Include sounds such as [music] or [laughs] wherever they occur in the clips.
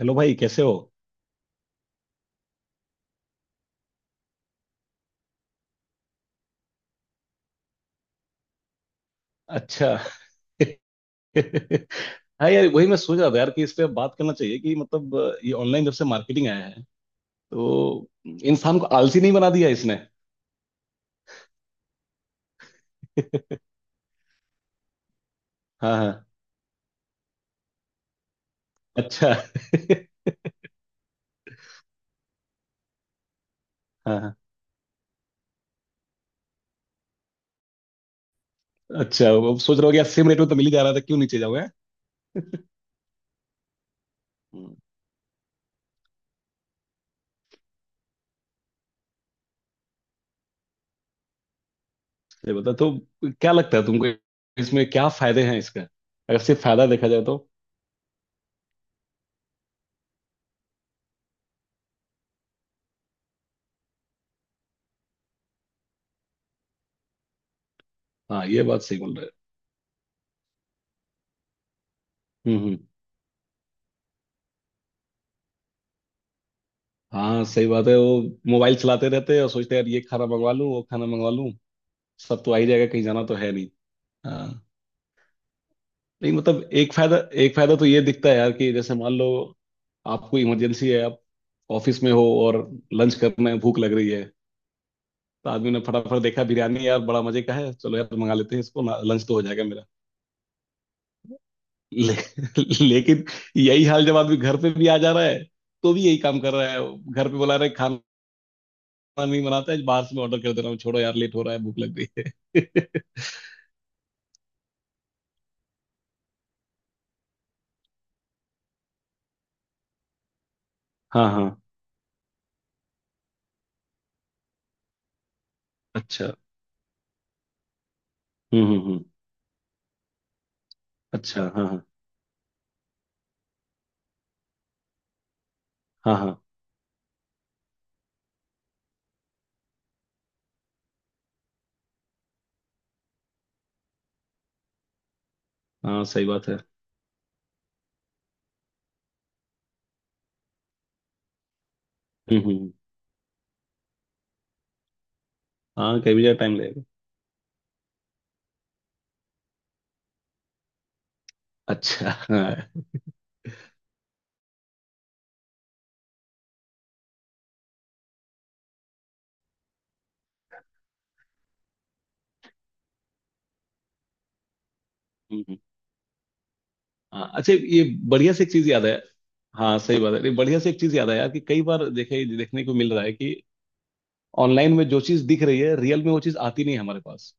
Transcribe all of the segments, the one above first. Hello भाई, कैसे हो? अच्छा। [laughs] हाँ यार, वही मैं सोच रहा था यार कि इस पे बात करना चाहिए कि मतलब ये ऑनलाइन जब से मार्केटिंग आया है तो इंसान को आलसी नहीं बना दिया इसने? [laughs] हाँ हाँ। अच्छा। [laughs] हाँ हाँ। अच्छा, अब सोच रहा हो कि यार सेम रेट में तो मिल ही जा रहा था, क्यों नीचे जाओगे। हम्म, ये बता तो, क्या लगता है तुमको इसमें क्या फायदे हैं इसका, अगर सिर्फ फायदा देखा जाए तो। हाँ, ये बात सही बोल रहे हो। हम्म। हाँ सही बात है वो, मोबाइल चलाते रहते हैं और सोचते हैं यार, ये खाना मंगवा लूँ वो खाना मंगवा लूँ, सब तो आ ही जाएगा, कहीं जाना तो है नहीं। हाँ। नहीं मतलब एक फायदा, एक फायदा तो ये दिखता है यार कि जैसे मान लो आपको इमरजेंसी है, आप ऑफिस में हो और लंच करना है, भूख लग रही है, तो आदमी ने फटाफट देखा, बिरयानी यार बड़ा मजे का है, चलो यार मंगा लेते हैं इसको ना, लंच तो हो जाएगा मेरा। ले, [laughs] लेकिन यही हाल जब आदमी घर पे भी आ जा रहा है तो भी यही काम कर रहा है, घर पे बुला रहे खाना, नहीं बनाता है, बाहर से मैं ऑर्डर कर दे रहा हूँ, छोड़ो यार लेट हो रहा है, भूख लग रही है। [laughs] हाँ हाँ। अच्छा। हम्म। अच्छा, हाँ हाँ हाँ हाँ। हाँ सही बात है। हम्म हम्म, हाँ, कई बजे टाइम लगेगा। अच्छा हाँ। हम्म, हम्म। हाँ, अच्छा ये बढ़िया से एक चीज याद है। हाँ सही बात है। नहीं, बढ़िया से एक चीज याद है यार कि कई बार देखे, देखने को मिल रहा है कि ऑनलाइन में जो चीज दिख रही है रियल में वो चीज आती नहीं है हमारे पास।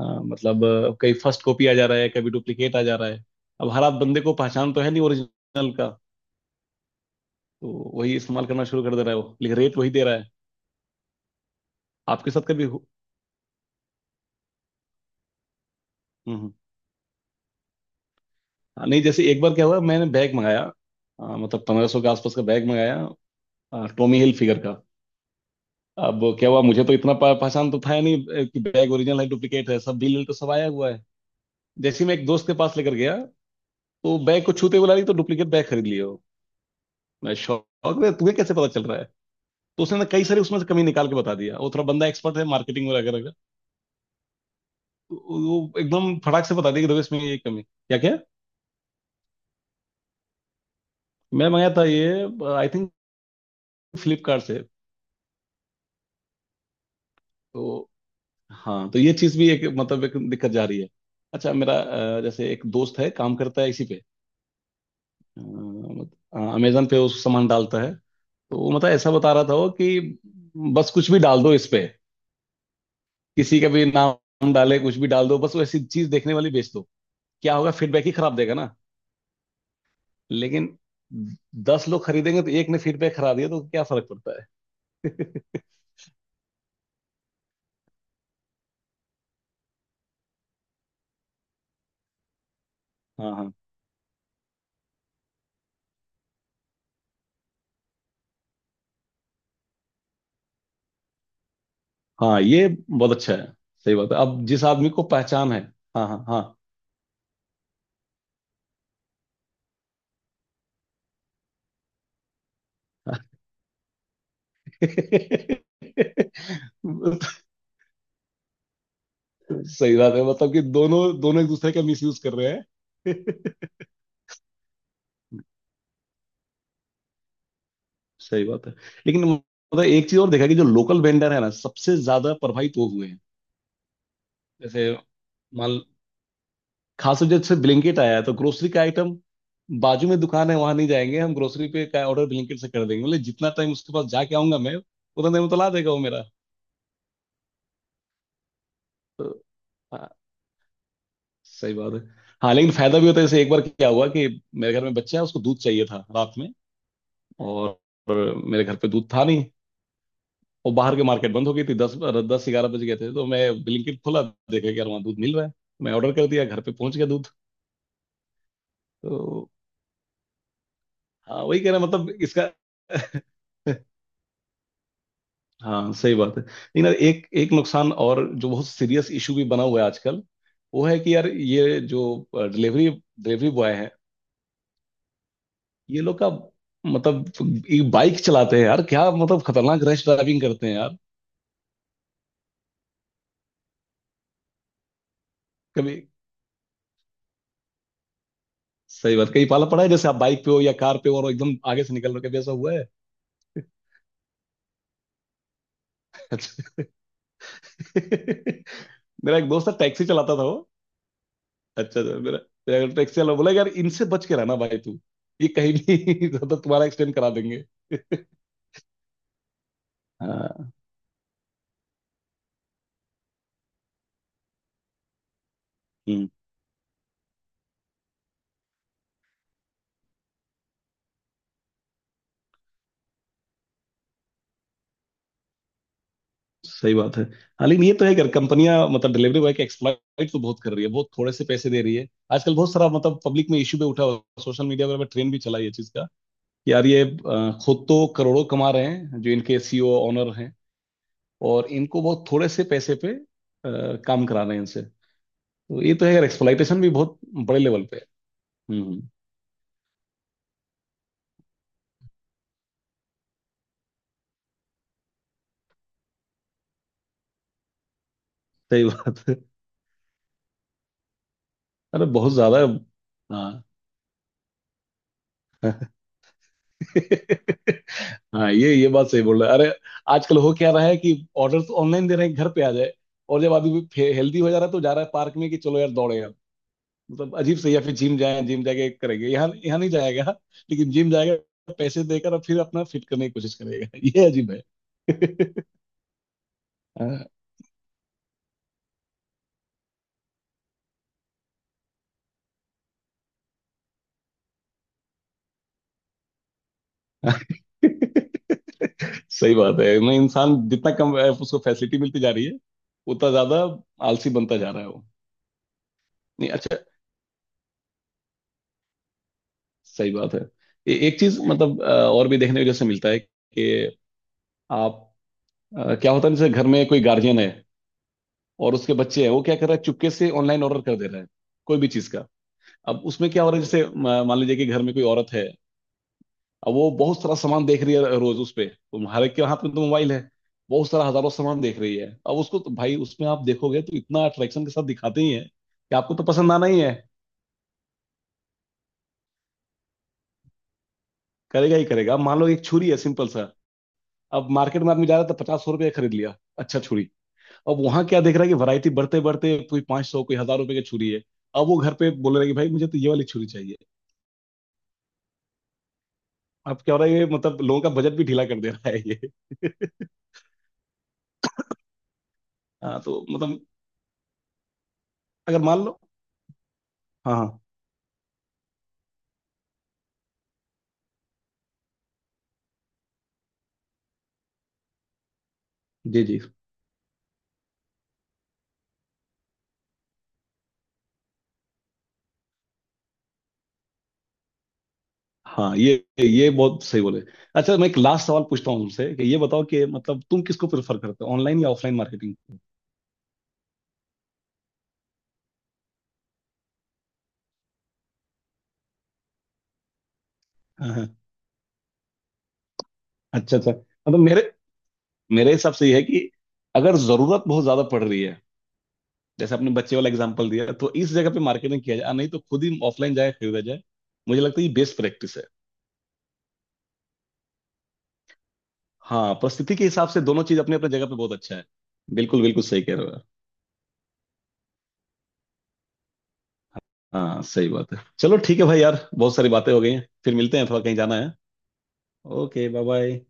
हाँ, मतलब कई फर्स्ट कॉपी आ जा रहा है, कभी डुप्लीकेट आ जा रहा है, अब हर आध बंदे को पहचान तो है नहीं ओरिजिनल का, तो वही इस्तेमाल करना शुरू कर दे रहा है वो, लेकिन रेट वही दे रहा है। आपके साथ कभी हो- हम्म हम्म। हाँ, नहीं, जैसे एक बार क्या हुआ, मैंने बैग मंगाया, मतलब 1500 के आसपास का बैग मंगाया, टॉमी हिल फिगर का। अब क्या हुआ, मुझे तो इतना पहचान तो था नहीं कि बैग ओरिजिनल है डुप्लीकेट है, सब बिल तो सब आया हुआ है। जैसे ही मैं एक दोस्त के पास लेकर गया तो बैग को छूते बोला, रही तो डुप्लीकेट बैग खरीद लियो। मैं शौक में, तुम्हें कैसे पता चल रहा है? तो उसने ना कई सारी उसमें से कमी निकाल के बता दिया, वो थोड़ा बंदा एक्सपर्ट है मार्केटिंग वगैरह वगैरह, तो वो एकदम फटाक से बता दिया कि देखो इसमें ये कमी क्या क्या। मैं मंगाया था ये, आई थिंक फ्लिपकार्ट से। तो हाँ, तो ये चीज भी एक मतलब एक दिक्कत जा रही है। अच्छा, मेरा जैसे एक दोस्त है काम करता है इसी पे, मतलब अमेजन पे उस सामान डालता है, तो वो मतलब ऐसा बता रहा था वो कि बस कुछ भी डाल दो इस पे, किसी का भी नाम डाले कुछ भी डाल दो, बस वो ऐसी चीज देखने वाली बेच दो, क्या होगा, फीडबैक ही खराब देगा ना, लेकिन 10 लोग खरीदेंगे तो एक ने फीडबैक खराब दिया तो क्या फर्क पड़ता है। [laughs] हाँ हाँ हाँ। ये बहुत अच्छा है। सही बात है, अब जिस आदमी को पहचान है। हाँ हाँ हाँ। [laughs] सही बात है, मतलब कि दोनों दोनों एक दूसरे का मिसयूज कर रहे हैं। [laughs] सही बात है, लेकिन मतलब एक चीज और देखा कि जो लोकल वेंडर है ना, सबसे ज्यादा प्रभावित वो हुए हैं। जैसे, मान, खास तौर से ब्लिंकिट आया है, तो ग्रोसरी का आइटम, बाजू में दुकान है, वहां नहीं जाएंगे हम, ग्रोसरी पे का ऑर्डर ब्लिंकिट से कर देंगे, मतलब जितना टाइम उसके पास जाके आऊंगा मैं, उतना टाइम तो ला देगा वो मेरा। तो हाँ, सही बात है। हाँ लेकिन फायदा भी होता है, जैसे एक बार क्या हुआ कि मेरे घर में बच्चा है, उसको दूध चाहिए था रात में और मेरे घर पे दूध था नहीं, और बाहर के मार्केट बंद हो गई थी, दस 10-11 बज गए थे, तो मैं ब्लिंकिट खोला, देखा कि यार वहाँ दूध मिल रहा है, मैं ऑर्डर कर दिया, घर पे पहुंच गया दूध। तो हाँ, वही कह रहा मतलब इसका। [laughs] हाँ सही बात है, लेकिन यार एक एक नुकसान और जो बहुत सीरियस इशू भी बना हुआ है आजकल, वो है कि यार ये जो डिलीवरी डिलीवरी बॉय है, ये लोग का मतलब ये बाइक चलाते हैं यार, क्या मतलब खतरनाक रैश ड्राइविंग करते हैं यार। कभी सही बात, कहीं पाला पड़ा है जैसे आप बाइक पे हो या कार पे हो और एकदम आगे से निकल रहे हो, कभी ऐसा हुआ है? [laughs] अच्छा, मेरा एक दोस्त था टैक्सी चलाता था वो, अच्छा अच्छा, मेरा मेरा टैक्सी वाला बोला यार इनसे बच के रहना भाई तू, ये कहीं भी [laughs] ज्यादा तुम्हारा एक्सटेंड करा देंगे। हाँ। हम्म, सही बात है। हाँ लेकिन ये तो है कि कंपनियां मतलब डिलीवरी बॉय के एक्सप्लॉइट तो बहुत कर रही है, बहुत थोड़े से पैसे दे रही है। आजकल बहुत सारा मतलब पब्लिक में इश्यू भी उठा हुआ, सोशल मीडिया वगैरह में ट्रेंड भी चला है ये चीज का, कि यार ये खुद तो करोड़ों कमा रहे हैं जो इनके सीईओ ऑनर हैं, और इनको बहुत थोड़े से पैसे पे काम करा रहे हैं इनसे। तो ये तो है यार, एक्सप्लॉइटेशन भी बहुत बड़े लेवल पे है। हम्म। सही बात है। अरे बहुत ज्यादा है। हाँ। [laughs] हाँ ये बात सही बोल रहे हैं। अरे आजकल हो क्या रहा है कि ऑर्डर तो ऑनलाइन दे रहे हैं घर पे आ जाए, और जब आदमी हेल्दी हो जा रहा है तो जा रहा है पार्क में कि चलो यार दौड़े यार, मतलब अजीब से, या फिर जिम जाए, जिम जाके करेंगे, यहाँ यहाँ नहीं जाएगा, लेकिन जिम जाएगा पैसे देकर और फिर अपना फिट करने की कोशिश करेगा। [laughs] ये अजीब है। [laughs] हाँ। [laughs] सही बात है, मैं इंसान जितना कम उसको फैसिलिटी मिलती जा रही है, उतना ज्यादा आलसी बनता जा रहा है वो। नहीं, अच्छा, सही बात है। एक चीज मतलब और भी देखने को जैसे मिलता है कि आप, क्या होता है, जैसे घर में कोई गार्जियन है और उसके बच्चे हैं, वो क्या कर रहा है, चुपके से ऑनलाइन ऑर्डर कर दे रहा है कोई भी चीज का। अब उसमें क्या हो रहा है, जैसे मान लीजिए कि घर में कोई औरत है, अब वो बहुत सारा सामान देख रही है रोज उस पे, तुम्हारे के हाथ में तो मोबाइल है, बहुत सारा हजारों सामान देख रही है, अब उसको तो भाई उसमें आप देखोगे तो इतना अट्रैक्शन के साथ दिखाते ही है कि आपको तो पसंद आना ही है, करेगा ही करेगा। अब मान लो एक छुरी है सिंपल सा, अब मार्केट में आदमी जा रहा था, पचास सौ रुपये खरीद लिया अच्छा छुरी, अब वहां क्या देख रहा है कि वैरायटी बढ़ते बढ़ते कोई 500 कोई 1000 रुपए की छुरी है, अब वो घर पे बोल रहा है कि भाई मुझे तो ये वाली छुरी चाहिए। अब क्या हो रहा है, ये मतलब लोगों का बजट भी ढीला कर दे रहा है ये। [laughs] हाँ तो मतलब, अगर मान लो, हाँ हाँ, जी जी, हाँ, ये बहुत सही बोले। अच्छा मैं एक लास्ट सवाल पूछता हूँ तुमसे कि ये बताओ कि मतलब तुम किसको प्रेफर करते हो, ऑनलाइन या ऑफलाइन मार्केटिंग? हाँ हाँ। अच्छा अच्छा, मतलब मेरे मेरे हिसाब से ये है कि अगर जरूरत बहुत ज्यादा पड़ रही है जैसे आपने बच्चे वाला एग्जांपल दिया, तो इस जगह पे मार्केटिंग किया जाए, नहीं तो खुद ही ऑफलाइन जाए खरीदा जाए। मुझे लगता है ये बेस्ट प्रैक्टिस है। हाँ, परिस्थिति के हिसाब से दोनों चीज अपने अपने जगह पे बहुत अच्छा है। बिल्कुल बिल्कुल सही कह रहे हो यार। हाँ सही बात है, चलो ठीक है भाई यार, बहुत सारी बातें हो गई हैं, फिर मिलते हैं, थोड़ा कहीं जाना है। Okay, bye bye.